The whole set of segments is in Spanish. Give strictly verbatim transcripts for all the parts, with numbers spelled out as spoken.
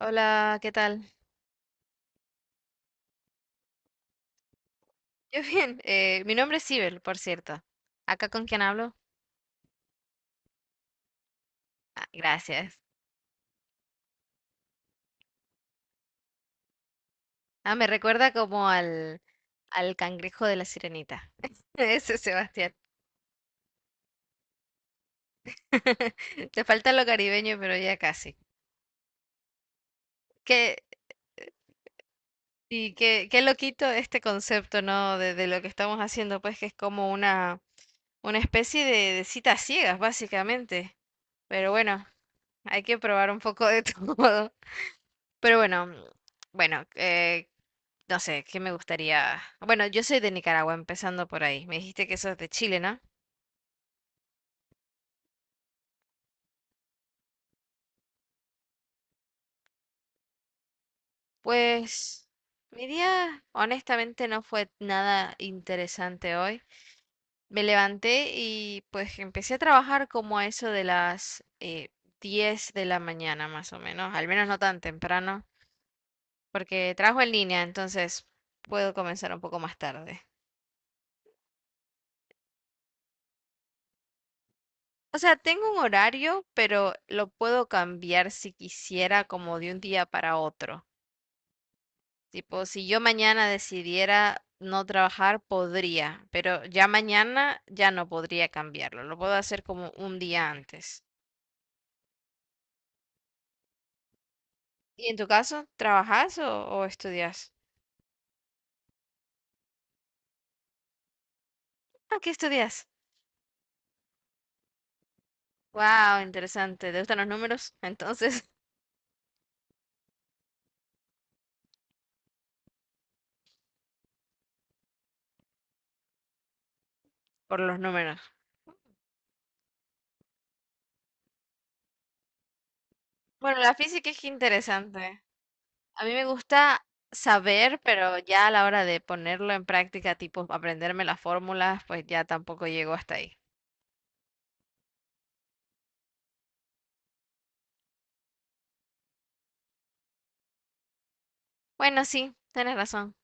Hola, ¿qué tal? Yo bien. Eh, mi nombre es Sibel, por cierto. ¿Acá con quién hablo? Ah, gracias. Ah, me recuerda como al, al cangrejo de la sirenita. Ese es Sebastián. Te falta lo caribeño, pero ya casi. Qué, y qué, qué loquito este concepto, ¿no? De, de lo que estamos haciendo, pues que es como una, una especie de, de citas ciegas, básicamente. Pero bueno, hay que probar un poco de todo. Pero bueno, mm, bueno, eh, no sé, ¿qué me gustaría? Bueno, yo soy de Nicaragua, empezando por ahí. Me dijiste que sos de Chile, ¿no? Pues mi día honestamente no fue nada interesante hoy. Me levanté y pues empecé a trabajar como a eso de las eh, diez de la mañana, más o menos, al menos no tan temprano, porque trabajo en línea, entonces puedo comenzar un poco más tarde. O sea, tengo un horario, pero lo puedo cambiar si quisiera como de un día para otro. Tipo, si yo mañana decidiera no trabajar, podría, pero ya mañana ya no podría cambiarlo. Lo puedo hacer como un día antes. ¿Y en tu caso, trabajas o, o estudias? Ah, ¿qué estudias? Wow, interesante. ¿Te gustan los números entonces? Por los números. Bueno, la física es que interesante. A mí me gusta saber, pero ya a la hora de ponerlo en práctica, tipo aprenderme las fórmulas, pues ya tampoco llego hasta ahí. Bueno, sí, tienes razón.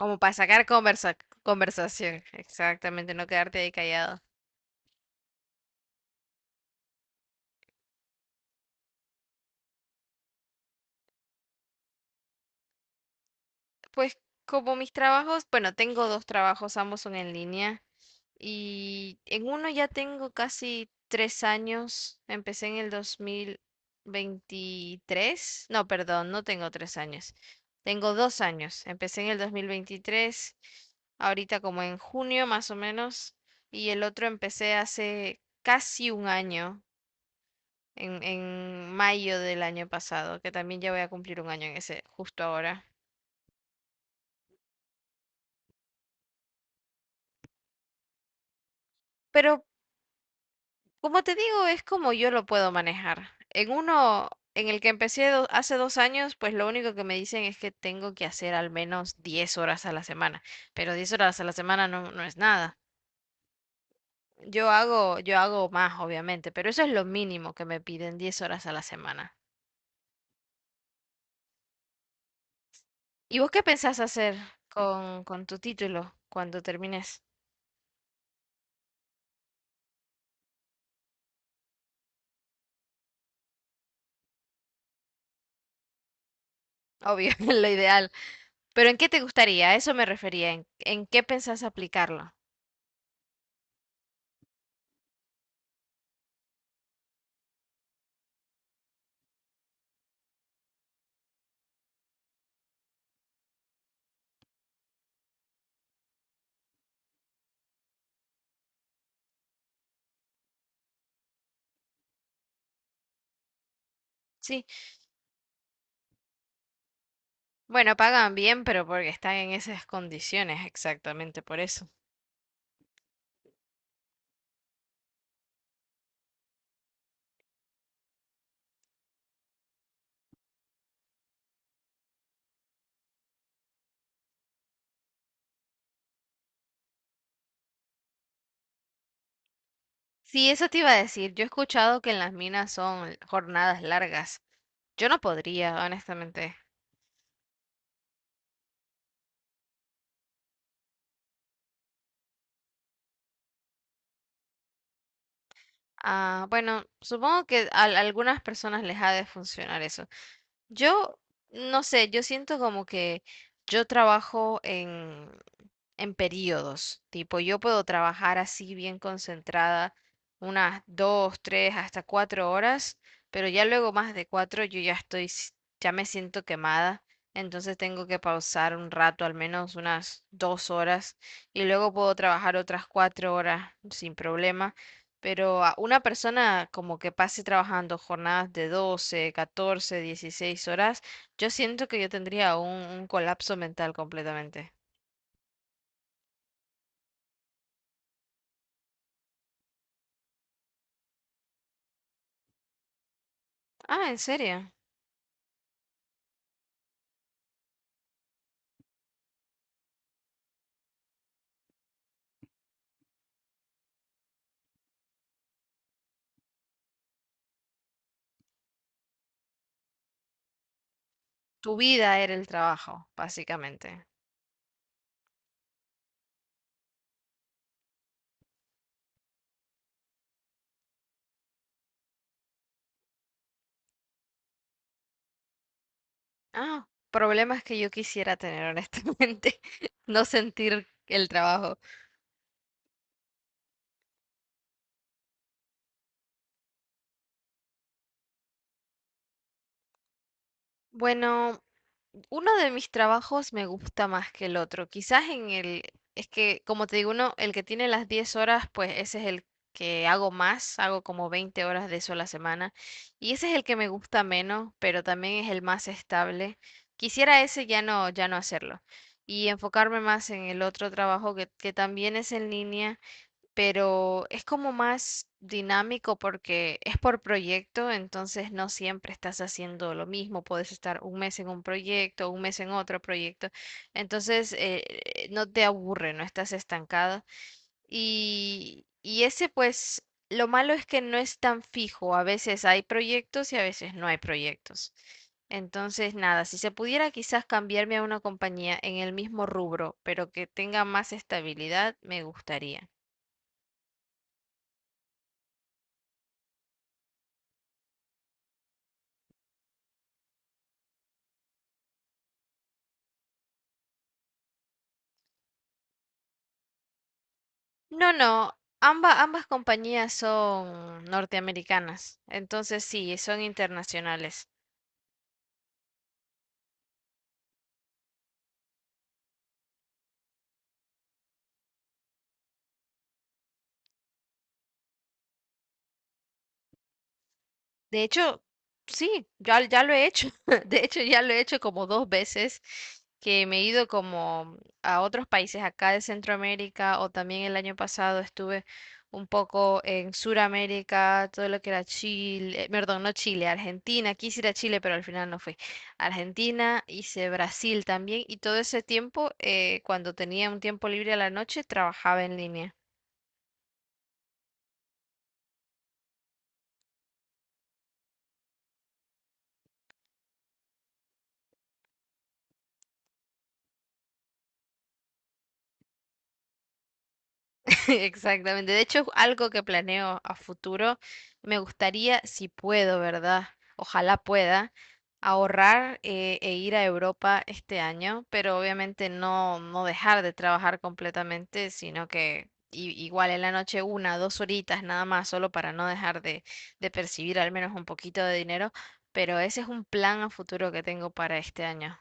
Como para sacar conversa- conversación, exactamente, no quedarte ahí callado. Pues como mis trabajos, bueno, tengo dos trabajos, ambos son en línea y en uno ya tengo casi tres años, empecé en el dos mil veintitrés, no, perdón, no tengo tres años, tengo dos años, empecé en el dos mil veintitrés, ahorita como en junio más o menos, y el otro empecé hace casi un año en, en mayo del año pasado, que también ya voy a cumplir un año en ese, justo ahora. Pero como te digo, es como yo lo puedo manejar. En uno en el que empecé do- hace dos años, pues lo único que me dicen es que tengo que hacer al menos diez horas a la semana, pero diez horas a la semana no, no es nada. Yo hago, yo hago más, obviamente, pero eso es lo mínimo que me piden, diez horas a la semana. ¿Y vos qué pensás hacer con, con tu título cuando termines? Obvio, lo ideal. Pero ¿en qué te gustaría? A eso me refería. ¿En, en qué pensás aplicarlo? Sí, bueno, pagan bien, pero porque están en esas condiciones, exactamente por eso. Sí, eso te iba a decir. Yo he escuchado que en las minas son jornadas largas. Yo no podría, honestamente. Ah, bueno, supongo que a algunas personas les ha de funcionar eso. Yo, no sé, yo siento como que yo trabajo en, en periodos. Tipo, yo puedo trabajar así bien concentrada unas dos, tres, hasta cuatro horas, pero ya luego más de cuatro yo ya estoy, s- ya me siento quemada. Entonces tengo que pausar un rato, al menos unas dos horas, y luego puedo trabajar otras cuatro horas sin problema. Pero a una persona como que pase trabajando jornadas de doce catorce dieciséis horas, yo siento que yo tendría un, un colapso mental completamente. Ah, ¿en serio? Tu vida era el trabajo, básicamente. Ah, problemas que yo quisiera tener, honestamente. No sentir el trabajo. Bueno, uno de mis trabajos me gusta más que el otro. Quizás en el, es que como te digo, uno, el que tiene las diez horas, pues ese es el que hago más, hago como veinte horas de eso a la semana. Y ese es el que me gusta menos, pero también es el más estable. Quisiera ese ya no, ya no hacerlo. Y enfocarme más en el otro trabajo que, que también es en línea, pero es como más dinámico porque es por proyecto, entonces no siempre estás haciendo lo mismo, puedes estar un mes en un proyecto, un mes en otro proyecto, entonces eh, eh, no te aburre, no estás estancado. Y, y ese pues, lo malo es que no es tan fijo, a veces hay proyectos y a veces no hay proyectos. Entonces, nada, si se pudiera quizás cambiarme a una compañía en el mismo rubro, pero que tenga más estabilidad, me gustaría. No, no, amba- ambas compañías son norteamericanas, entonces sí, son internacionales. De hecho, sí, ya, ya lo he hecho. De hecho, ya lo he hecho como dos veces que me he ido como a otros países acá de Centroamérica, o también el año pasado estuve un poco en Suramérica, todo lo que era Chile, eh, perdón, no Chile, Argentina, quise ir a Chile, pero al final no fui. Argentina, hice Brasil también, y todo ese tiempo, eh, cuando tenía un tiempo libre a la noche, trabajaba en línea. Exactamente. De hecho, es algo que planeo a futuro. Me gustaría, si puedo, ¿verdad? Ojalá pueda ahorrar eh, e ir a Europa este año, pero obviamente no, no dejar de trabajar completamente, sino que i- igual en la noche una, dos horitas nada más, solo para no dejar de, de percibir al menos un poquito de dinero. Pero ese es un plan a futuro que tengo para este año.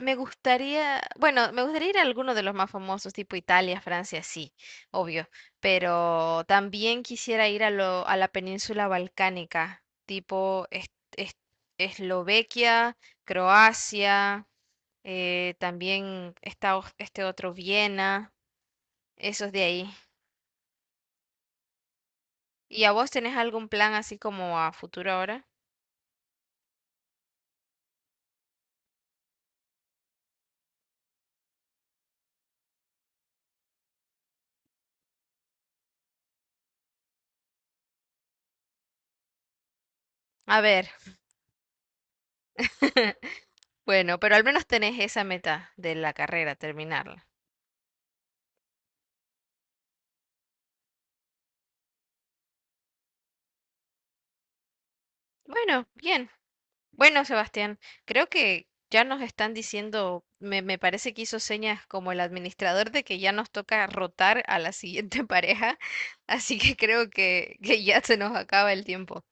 Me gustaría, bueno, me gustaría ir a alguno de los más famosos, tipo Italia, Francia, sí, obvio, pero también quisiera ir a lo, a la península balcánica, tipo Es- Es- Eslovaquia, Croacia, eh, también está o- este otro Viena, esos de ahí. ¿Y a vos tenés algún plan así como a futuro ahora? A ver, bueno, pero al menos tenés esa meta de la carrera, terminarla. Bueno, bien. Bueno, Sebastián, creo que ya nos están diciendo, me, me parece que hizo señas como el administrador de que ya nos toca rotar a la siguiente pareja, así que creo que, que ya se nos acaba el tiempo.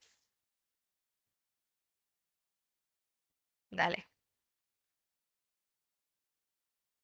Dale.